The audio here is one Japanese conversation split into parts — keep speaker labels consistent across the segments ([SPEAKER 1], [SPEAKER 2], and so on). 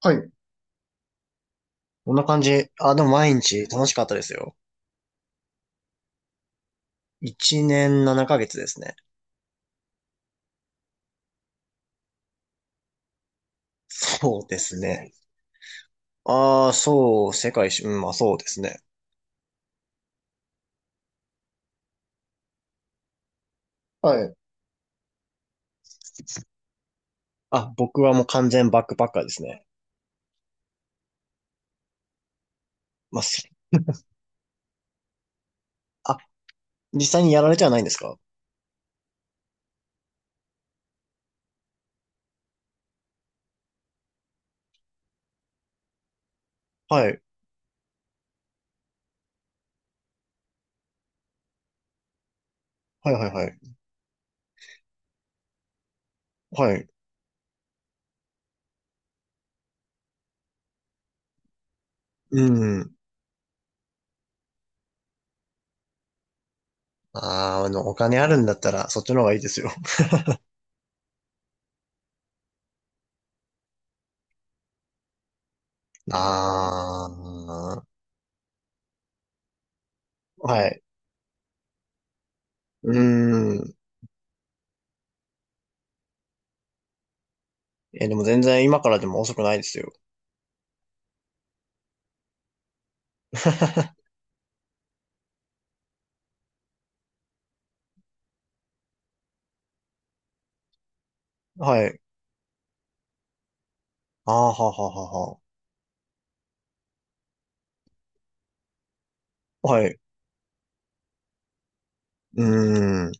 [SPEAKER 1] はい。こんな感じ。あ、でも毎日楽しかったですよ。1年7ヶ月ですね。そうですね。ああ、そう、世界一周、うん、まあそうですね。はい。あ、僕はもう完全バックパッカーですね。まあ、すあ、実際にやられてはないんですか？はい。はいはいはい。はい。うん。お金あるんだったら、そっちの方がいいですよ。ああ、はい。うーん。え、でも全然今からでも遅くないですよ。はい。ああ、ははははは。はい。うーん。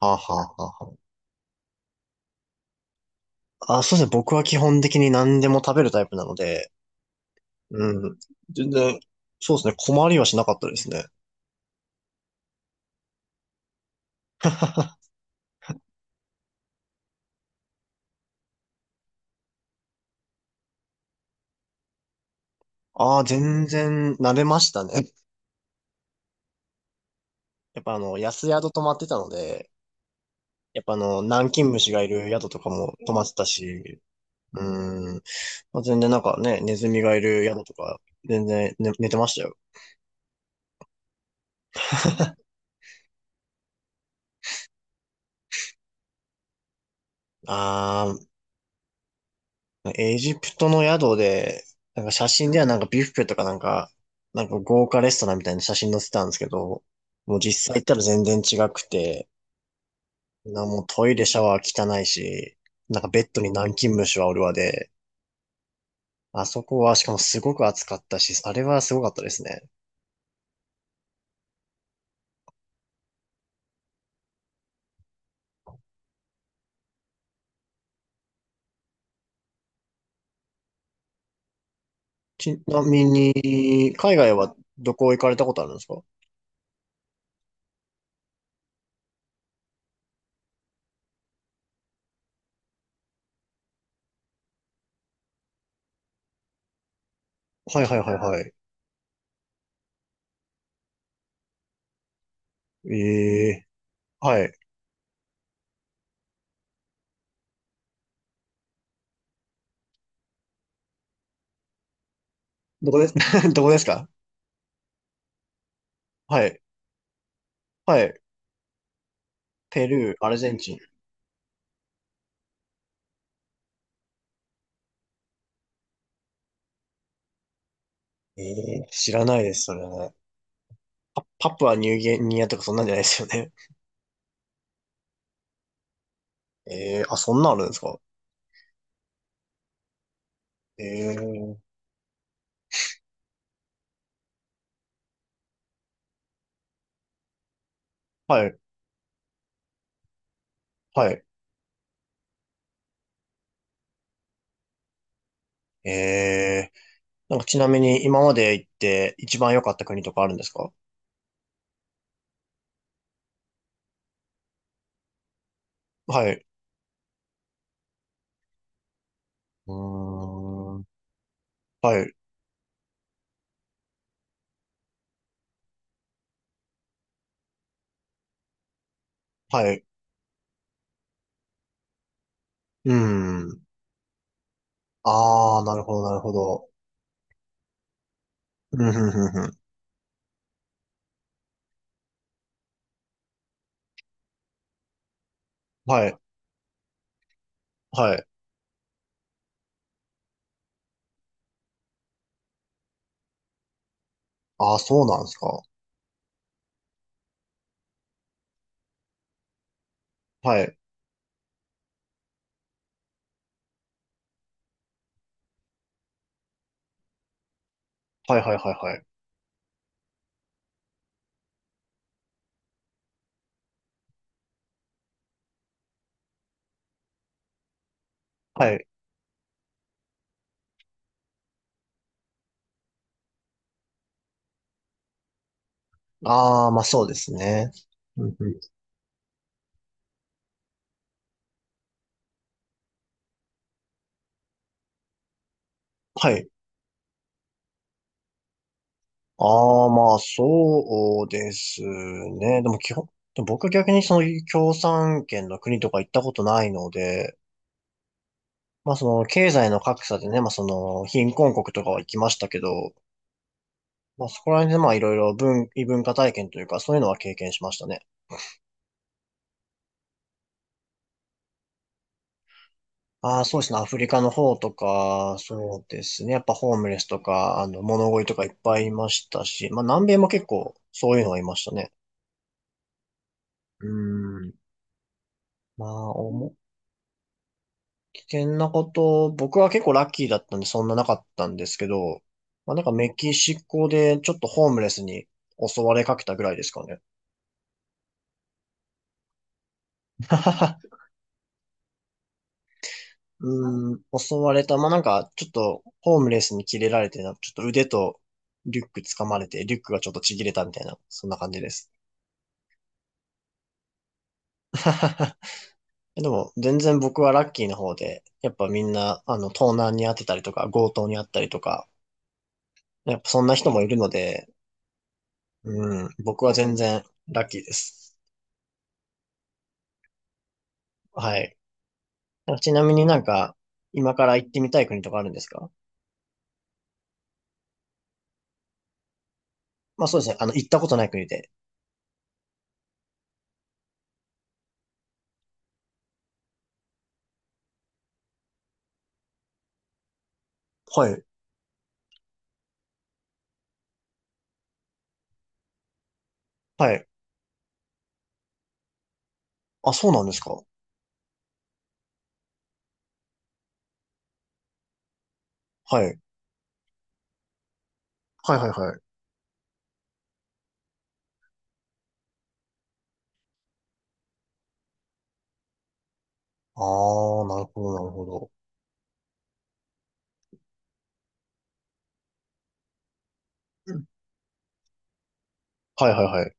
[SPEAKER 1] はあ、はあ、はあはあ。あ、そうですね。僕は基本的に何でも食べるタイプなので、うん。全然、そうですね。困りはしなかったですね。ああ、全然慣れましたね。やっぱあの、安宿泊まってたので、やっぱあの、南京虫がいる宿とかも泊まってたし、うん。まあ、全然なんかね、ネズミがいる宿とか、全然、ね、寝てましたよ。ああ、エジプトの宿で、なんか写真ではなんかビュッフェとかなんか、なんか豪華レストランみたいな写真載せてたんですけど、もう実際行ったら全然違くて、もうトイレシャワー汚いし、なんかベッドに南京虫はおるわで、あそこはしかもすごく暑かったし、あれはすごかったですね。ちなみに、海外はどこ行かれたことあるんですか？はいはいはいはい。ええはい。どこです、どこですか？はい。はい。ペルー、アルゼンチン。ええ知らないです、それね。パプアニューギニアとかそんなんじゃないですよね？ええあ、そんなんあるんですか？ええはい、はい。ええなんかちなみに今まで行って一番良かった国とかあるんですか？はい。うーん、はい、はい。うん。ああ、なるほど、なるほど。うん、ふんふんふん。はい、はい。ああ、そうなんですか？はい、はい、はい、はい、はい。はい。ああ、まあそうですね。うんうんはい。ああ、まあ、そうですね。でも僕は逆にその共産圏の国とか行ったことないので、まあその経済の格差でね、まあその貧困国とかは行きましたけど、まあそこら辺でまあいろいろ異文化体験というかそういうのは経験しましたね。ああ、そうですね。アフリカの方とか、そうですね。やっぱホームレスとか、あの、物乞いとかいっぱいいましたし、まあ南米も結構そういうのはいましたね。うーん。まあ、危険なこと、僕は結構ラッキーだったんでそんななかったんですけど、まあなんかメキシコでちょっとホームレスに襲われかけたぐらいですかね。うーん、襲われた。まあなんかちょっとホームレスに切れられて、なんかちょっと腕とリュック掴まれて、リュックがちょっとちぎれたみたいな、そんな感じです。でも全然僕はラッキーの方で、やっぱみんなあの盗難にあってたりとか、強盗にあったりとか、やっぱそんな人もいるので、うん、僕は全然ラッキーです。はい。ちなみになんか、今から行ってみたい国とかあるんですか？まあそうですね。あの、行ったことない国で。はい。はい。あ、そうなんですか？はい。はいはいはい。ああ、なるほどなるほど。うんはいはいはい。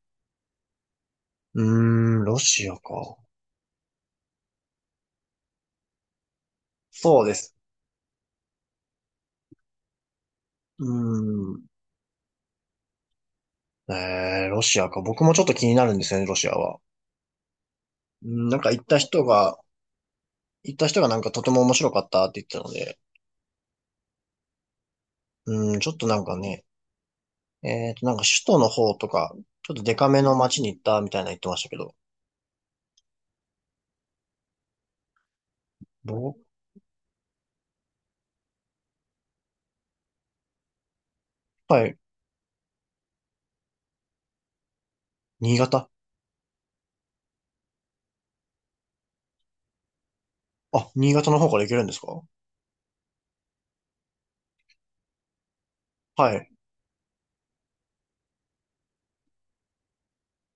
[SPEAKER 1] うーん、ロシアか。そうです。うーん。ロシアか。僕もちょっと気になるんですよね、ロシアは。うん、行った人がなんかとても面白かったって言ってたので、うん、ちょっとなんかね、なんか首都の方とか、ちょっとデカめの街に行ったみたいなの言ってましたけど、どっはい。新潟。あ、新潟の方から行けるんですか？はい。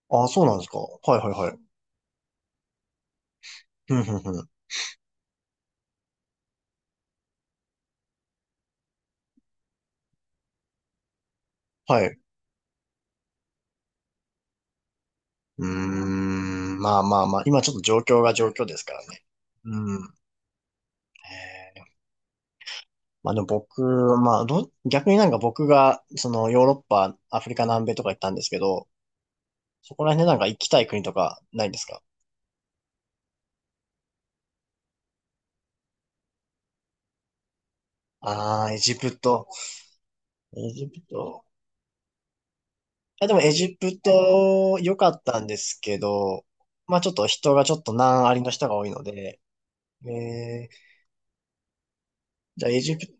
[SPEAKER 1] あ、そうなんですか？はいはいはい。ふんふんふん。はい。うーん。まあまあまあ。今ちょっと状況が状況ですからね。うん。まあでも僕、まあど、逆になんか僕が、そのヨーロッパ、アフリカ南米とか行ったんですけど、そこら辺でなんか行きたい国とかないんですか？ああー、エジプト。エジプト。いやでもエジプト良かったんですけど、まあちょっと人がちょっと難ありの人が多いので、えー、じゃあエジプト、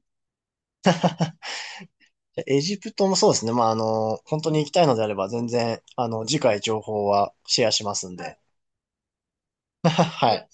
[SPEAKER 1] エジプトもそうですね。まあ、あの、本当に行きたいのであれば全然、あの、次回情報はシェアしますんで。はい。